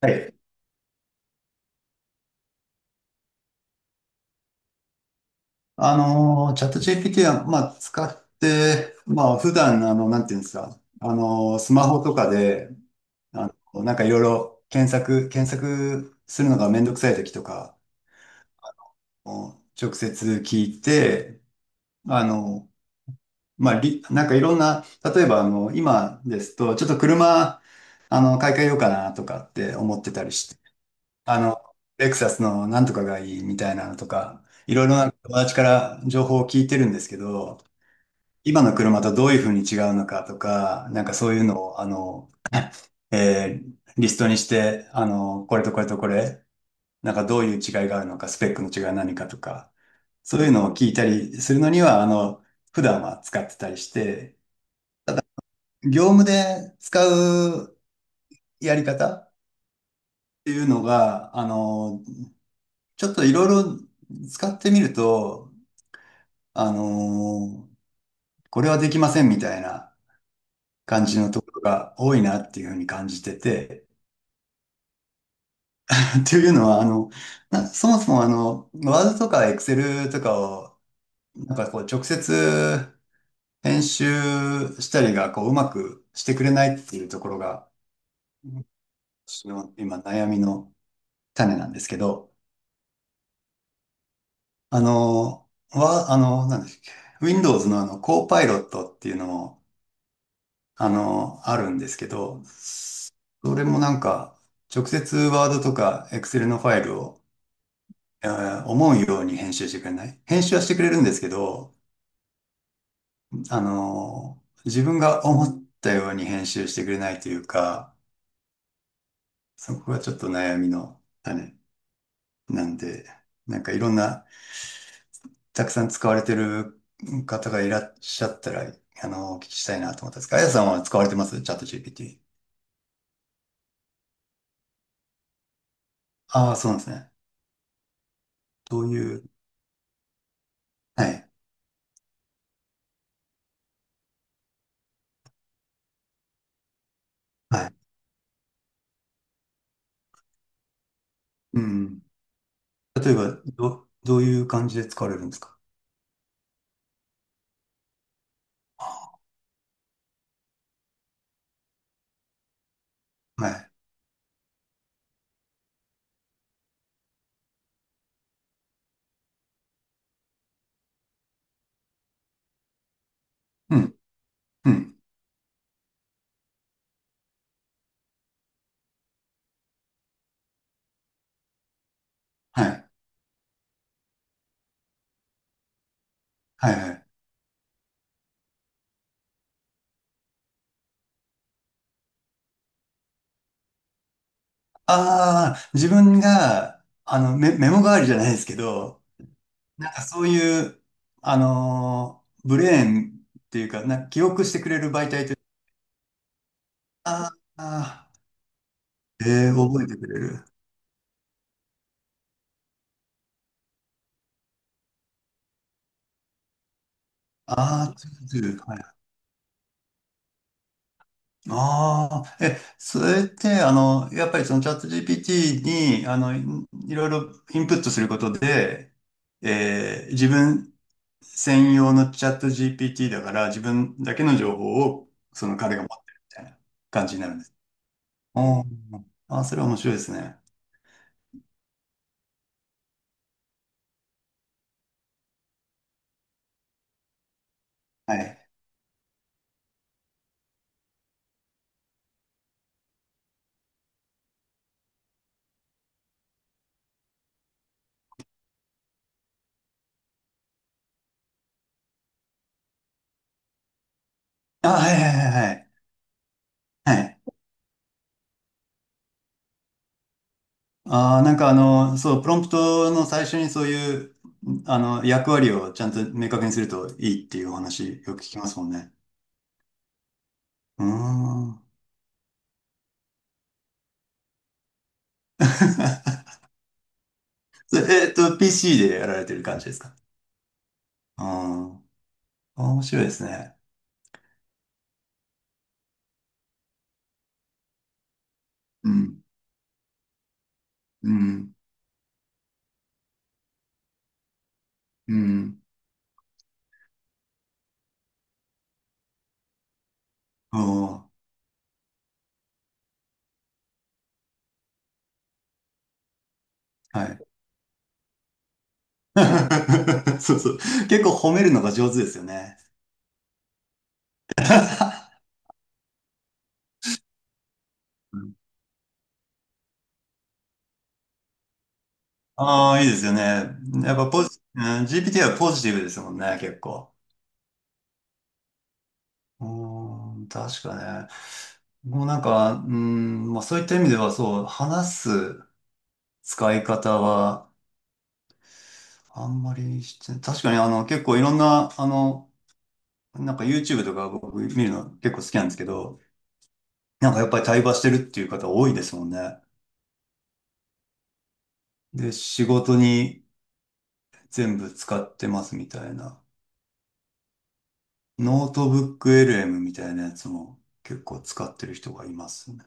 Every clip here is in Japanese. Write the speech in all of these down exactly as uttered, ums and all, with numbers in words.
はい。あのー、チャット ジーピーティー は、まあ、使って、まあ、普段、あの、なんていうんですか、あのー、スマホとかで、あの、なんかいろいろ検索、検索するのがめんどくさい時とか、もう直接聞いて、あの、まあ、り、なんかいろんな、例えば、あの、今ですと、ちょっと車、あの、買い替えようかなとかって思ってたりして、あの、レクサスのなんとかがいいみたいなのとか、いろいろな友達から情報を聞いてるんですけど、今の車とどういうふうに違うのかとか、なんかそういうのを、あの、えーリストにして、あの、これとこれとこれ、なんかどういう違いがあるのか、スペックの違いは何かとか、そういうのを聞いたりするのには、あの、普段は使ってたりして、業務で使うやり方っていうのが、あの、ちょっといろいろ使ってみると、あの、これはできませんみたいな感じのところが多いなっていうふうに感じてて、というのは、あの、なそもそもあの、ワードとかエクセルとかを、なんかこう直接編集したりがこううまくしてくれないっていうところが、私の今悩みの種なんですけど、あの、は、あの、なんですっけ、ウィンドウズ のあの、コーパイロットっていうのも、あの、あるんですけど、それもなんか、直接ワードとかエクセルのファイルを、えー思うように編集してくれない。編集はしてくれるんですけど、あの、自分が思ったように編集してくれないというか、そこがちょっと悩みの種なんで、なんかいろんな、たくさん使われてる方がいらっしゃったら、あの、お聞きしたいなと思ったんですが、あやさんは使われてますチャット ジーピーティー？ああ、そうなんですね。どういう、はい、はい。うん。例えば、ど、どういう感じで使われるんですか？はい。うん、うん、はい、はい、はい。ああ、自分が、あの、メ、メモ代わりじゃないですけど、なんかそういう、あのーブレーンっていうか、な、記憶してくれる媒体という。あーあー、えー、覚えてくれる。ああ、ツーツーはい。ああ、え、それって、あの、やっぱりそのチャット ジーピーティー に、あの、いいろいろインプットすることで、えー自分専用のチャット ジーピーティー だから、自分だけの情報を、その彼が持ってるみたいな感じになるんです。おーあー、それは面白いですね。はい。あ、はいはいはいはい。はい。ああ、なんかあの、そう、プロンプトの最初にそういう、あの、役割をちゃんと明確にするといいっていうお話よく聞きますもんね。うーん。それえっと、ピーシー でやられてる感じですか？ああ、面白いですね。うん、うん、うん。おー、はい。そうそう。結構褒めるのが上手ですよね。ああ、いいですよね。やっぱポジ、うん、 ジーピーティー はポジティブですもんね、結構。うーん、確かね。もうなんか、うーん、まあそういった意味ではそう、話す使い方はあんまりしてない、確かにあの結構いろんな、あの、なんか ユーチューブ とか僕見るの結構好きなんですけど、なんかやっぱり対話してるっていう方多いですもんね。で、仕事に全部使ってますみたいな。ノートブック エルエム みたいなやつも結構使ってる人がいますね。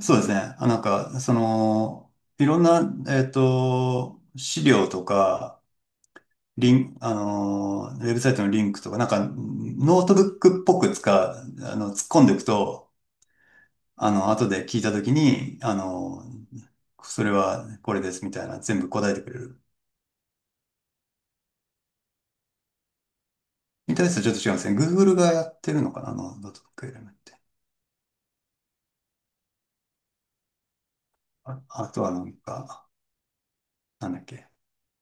そうですね。あ、なんか、その、いろんな、えっと、資料とか、リン、あの、ウェブサイトのリンクとか、なんか、ノートブックっぽく使う、あの、突っ込んでいくと、あの、後で聞いたときに、あの、それはこれですみたいな、全部答えてくれる。みたいなやつちょっと違うんですね。グーグル がやってるのかな、あの、ノートブックエレメントって。あ、あとはなんか、なんだっけ。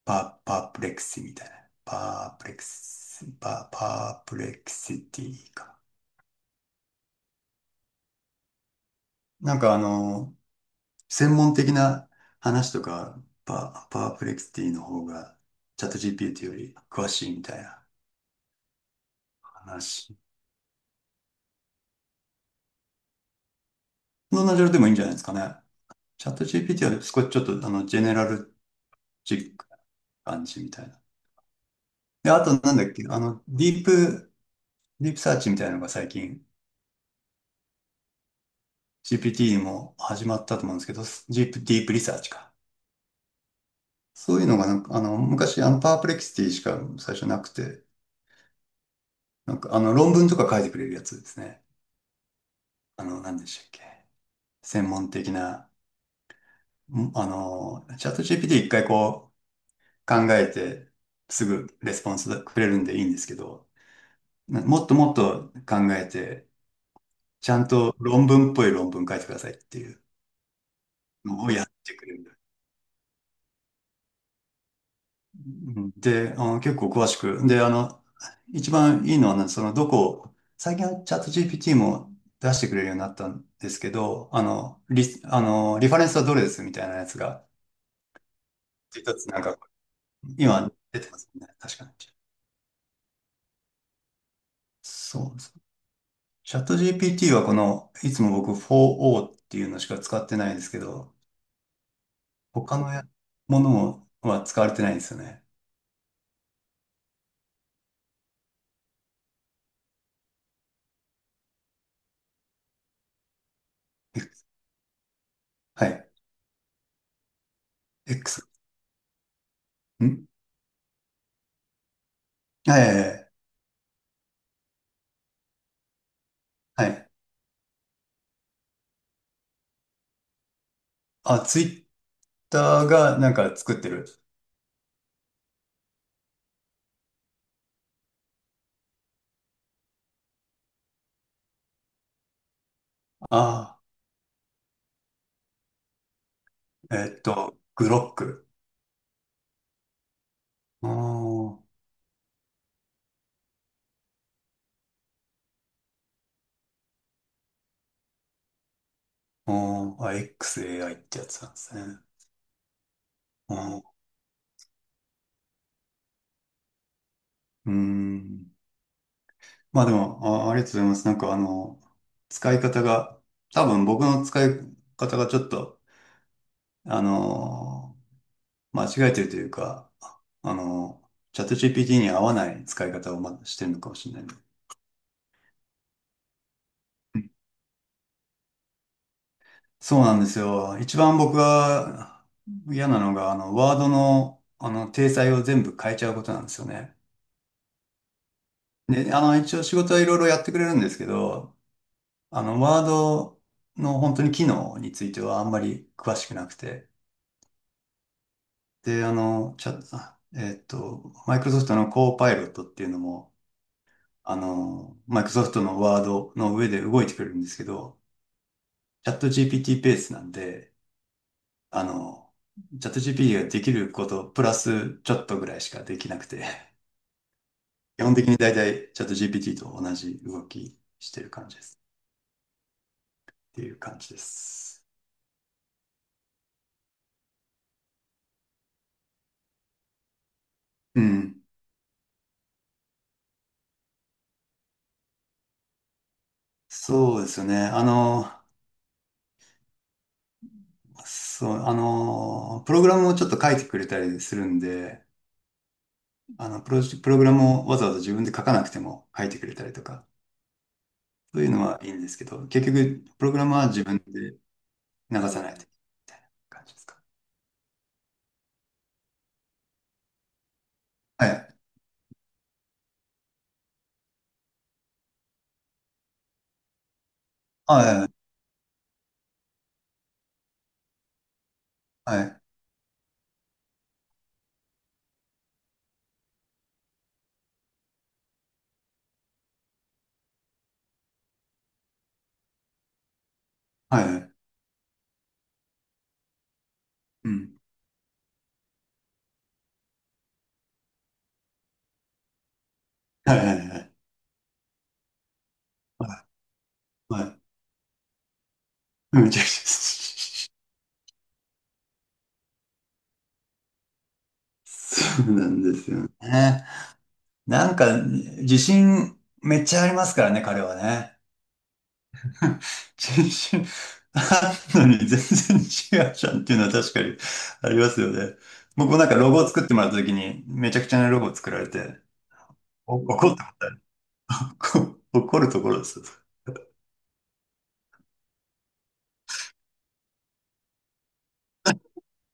パ、パープレクシみたいな。パープレクシ、パ、パープレクシティか。なんかあの、専門的な話とか、パ、パープレクシティの方が、チャット ジーピーティー より詳しいみたいな話。どんなジャンルでもいいんじゃないですかね。チャット ジーピーティー は少しちょっとあの、ジェネラルチックな感じみたいな。で、あとなんだっけ、あの、ディープ、ディープサーチみたいなのが最近、ジーピーティー も始まったと思うんですけど、ディープ、ディープリサーチか。そういうのがなんか、あの、昔、あの、パープレキシティしか最初なくて、なんか、あの、論文とか書いてくれるやつですね。あの、何でしたっけ。専門的な、んあの、チャット ジーピーティー 一回こう、考えて、すぐレスポンスくれるんでいいんですけど、なもっともっと考えて、ちゃんと論文っぽい論文書いてくださいっていうのをやってくれる。うんで、あの、結構詳しく。で、あの、一番いいのはね、その、どこ、最近はチャット ジーピーティー も出してくれるようになったんですけど、あの、リ、あの、リファレンスはどれですみたいなやつが、一つなんか、今出てますね。確かに。そうそう。チャット ジーピーティー はこの、いつも僕 フォーオー っていうのしか使ってないんですけど、他のやものは使われてないんですよね。はい。X。んはいはいはい。はい。あ、ツイッターがなんか作ってる。ああ、えっと、グロック。あーあー、あ エックスエーアイ ってやつなんですね。あーうーん。まあでも、あ、ありがとうございます。なんかあの、使い方が、多分僕の使い方がちょっと、あのー、間違えてるというか、あのー、チャット ジーピーティー に合わない使い方をましてるのかもしれないね。そうなんですよ。一番僕が嫌なのが、あの、ワードの、あの、体裁を全部変えちゃうことなんですよね。で、あの、一応仕事はいろいろやってくれるんですけど、あの、ワードの本当に機能についてはあんまり詳しくなくて。で、あの、チャ、あえっと、マイクロソフトのコーパイロットっていうのも、あの、マイクロソフトのワードの上で動いてくれるんですけど、チャット ジーピーティー ペーティーベースなんで、あの、チャット ジーピーティー ができること、プラスちょっとぐらいしかできなくて、基本的に大体チャット ジーピーティー と同じ動きしてる感じです。っていう感じです。うん。そうですよね。あの、そう、あの、プログラムをちょっと書いてくれたりするんで、あの、プロジ、プログラムをわざわざ自分で書かなくても書いてくれたりとか、そういうのはいいんですけど、結局、プログラムは自分で流さないという感じですか？はい。はい。はい。はい。はい。うん。はいはいはい。はい。はいめちゃくちゃ。そうなんですよね。なんか、自信めっちゃありますからね、彼はね。自信あるのに全然違うじゃんっていうのは確かにありますよね。僕もなんかロゴを作ってもらった時に、めちゃくちゃなロゴを作られて、お怒ったことある。こ怒るところですよ。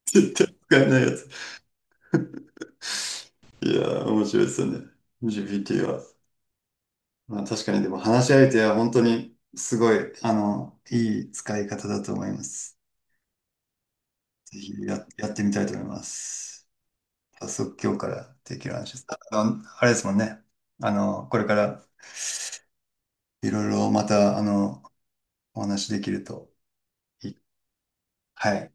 絶対使えないやつ。いやー、面白いですよね。ジーピーティー は。まあ、確かに、でも話し相手は本当にすごい、あの、いい使い方だと思います。ぜひや、やってみたいと思います。早速今日からできる話です。あの、あれですもんね。あの、これからいろいろまた、あの、お話しできるといい。はい。